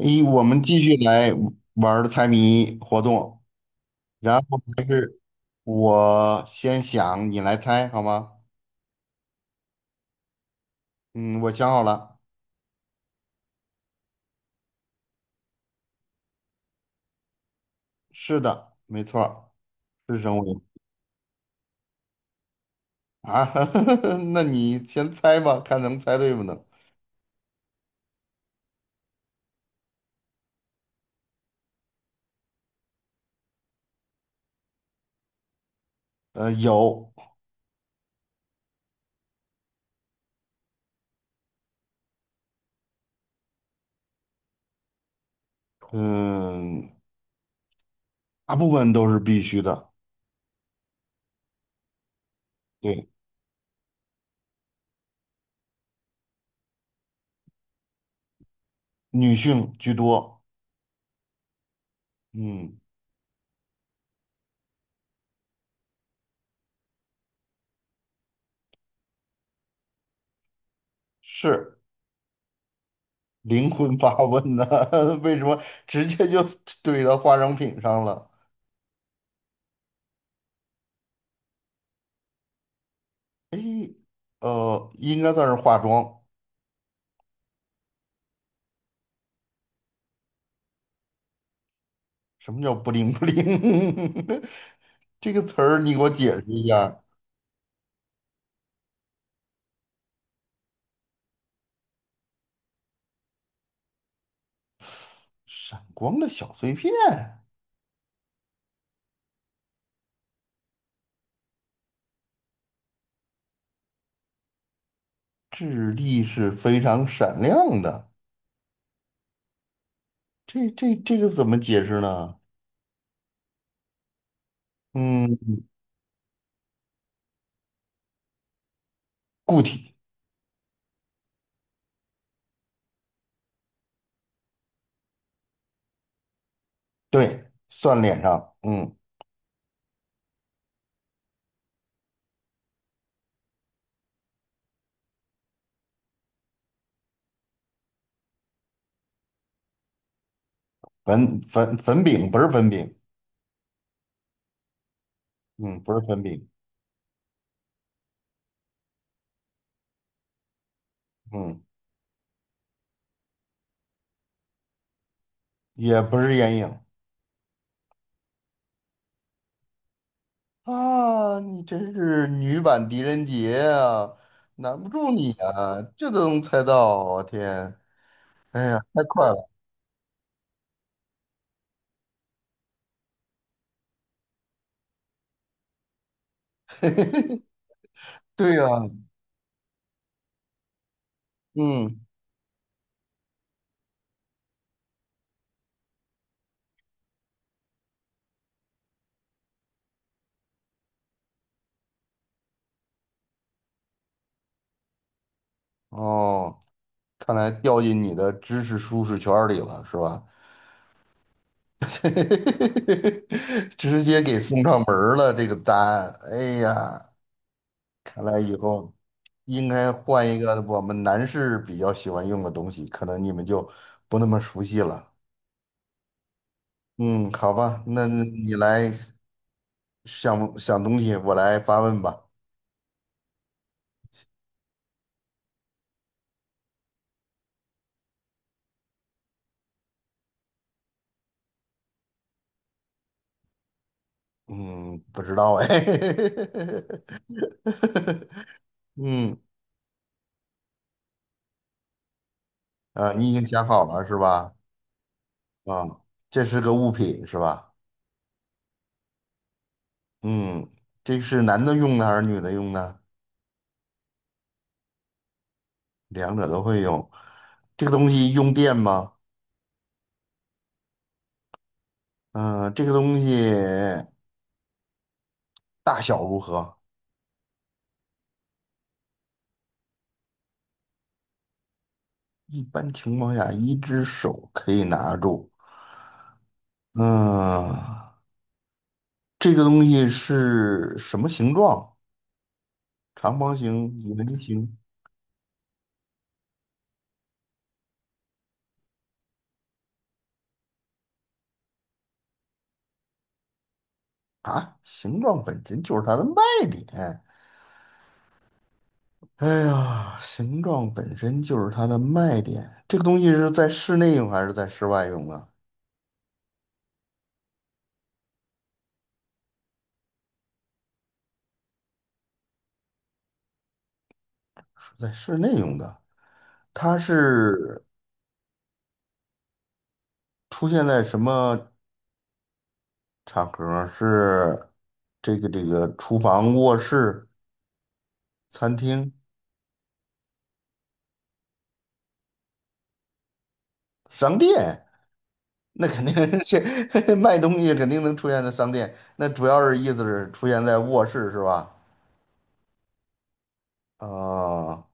一，我们继续来玩儿猜谜活动。然后我先想，你来猜好吗？嗯，我想好了。是的，没错儿是生物啊。那你先猜吧，看能猜对不能。呃，有，嗯，大部分都是必须的，对，女性居多。嗯，是灵魂发问呢，为什么直接就怼到化妆品上了？诶，应该算是化妆。什么叫不灵不灵？这个词儿你给我解释一下。闪光的小碎片，质地是非常闪亮的。这个怎么解释呢？嗯，固体，对，算脸上。嗯，粉饼不是粉饼，嗯，不是粉饼，嗯，也不是眼影。啊，你真是女版狄仁杰啊，难不住你啊，这都能猜到啊，我天，哎呀，太快了，对呀，嗯，哦，看来掉进你的知识舒适圈里了，是吧？直接给送上门儿了，这个答案，哎呀，看来以后应该换一个我们男士比较喜欢用的东西，可能你们就不那么熟悉了。嗯，好吧，那你来想想东西，我来发问吧。嗯，不知道哎。嗯，啊，你已经想好了是吧？啊，这是个物品是吧？嗯，这是男的用的还是女的用的？两者都会用。这个东西用电吗？嗯，这个东西大小如何？一般情况下，一只手可以拿住。嗯，这个东西是什么形状？长方形、圆形？啊，形状本身就是它的卖点。哎呀，形状本身就是它的卖点。这个东西是在室内用还是在室外用啊？是在室内用的。它是出现在什么场合儿是这个厨房、卧室、餐厅、商店？那肯定 是 卖东西肯定能出现在商店。那主要是意思是出现在卧室是吧？啊、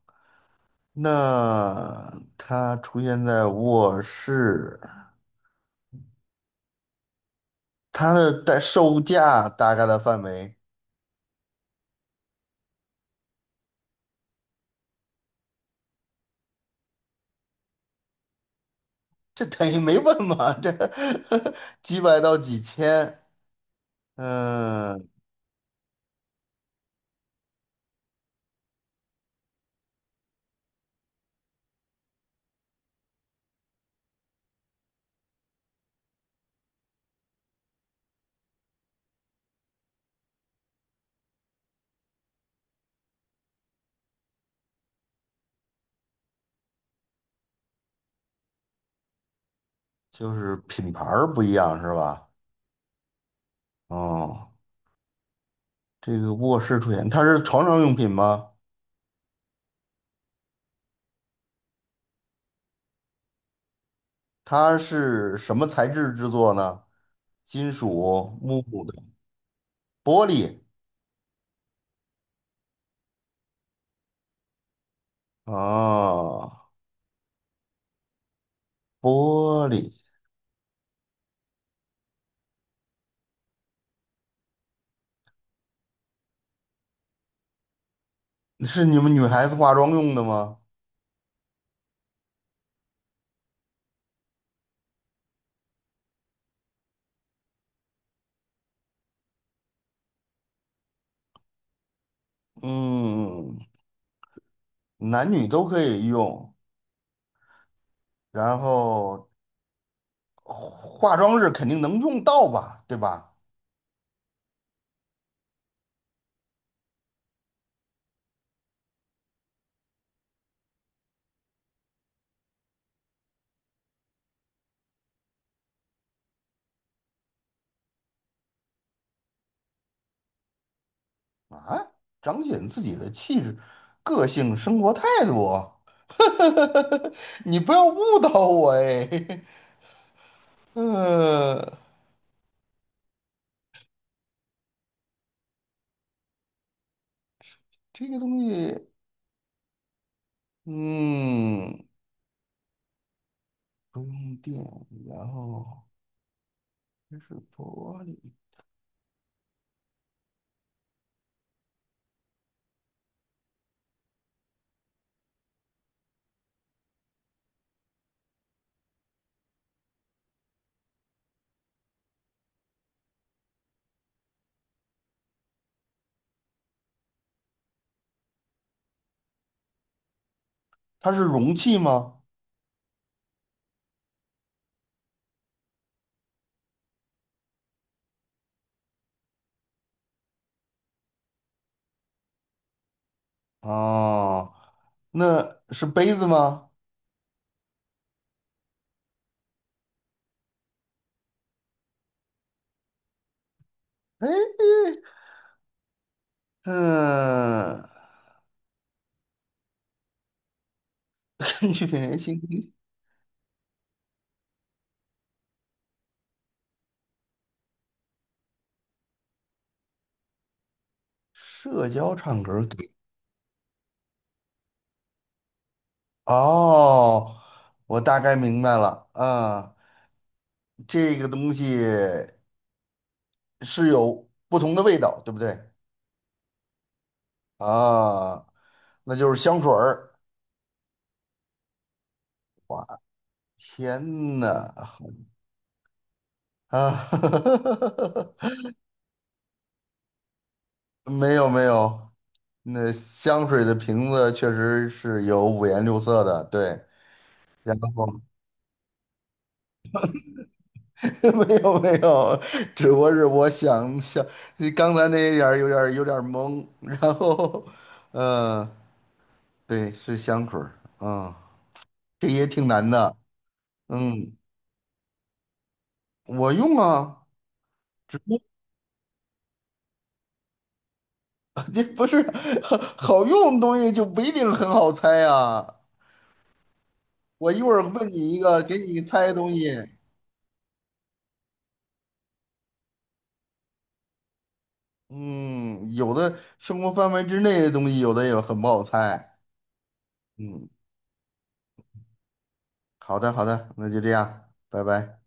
那它出现在卧室，它的代售价大概的范围，这等于没问嘛？这 几百到几千，嗯，就是品牌儿不一样是吧？哦，这个卧室出现，它是床上用品吗？它是什么材质制作呢？金属、木的、玻璃哦，玻璃是你们女孩子化妆用的吗？嗯，男女都可以用，然后化妆日肯定能用到吧，对吧？啊，彰显自己的气质、个性、生活态度。你不要误导我哎，呃，这个东西，嗯，不用电，然后这是玻璃，它是容器吗？哦，那是杯子吗？哎，嗯，根据人性。社交唱歌儿给哦，我大概明白了啊，这个东西是有不同的味道，对不对啊？那就是香水儿。哇，天呐，啊，没有没有，那香水的瓶子确实是有五颜六色的，对。然后 没有没有，只不过是我想想，刚才那一点儿有点儿懵，然后，呃，对，是香水儿，嗯，这也挺难的，嗯，我用啊，只不过 这不是 好用的东西就不一定很好猜啊。我一会儿问你一个，给你猜的东西，嗯，有的生活范围之内的东西，有的也很不好猜，嗯，好的好的，那就这样，拜拜。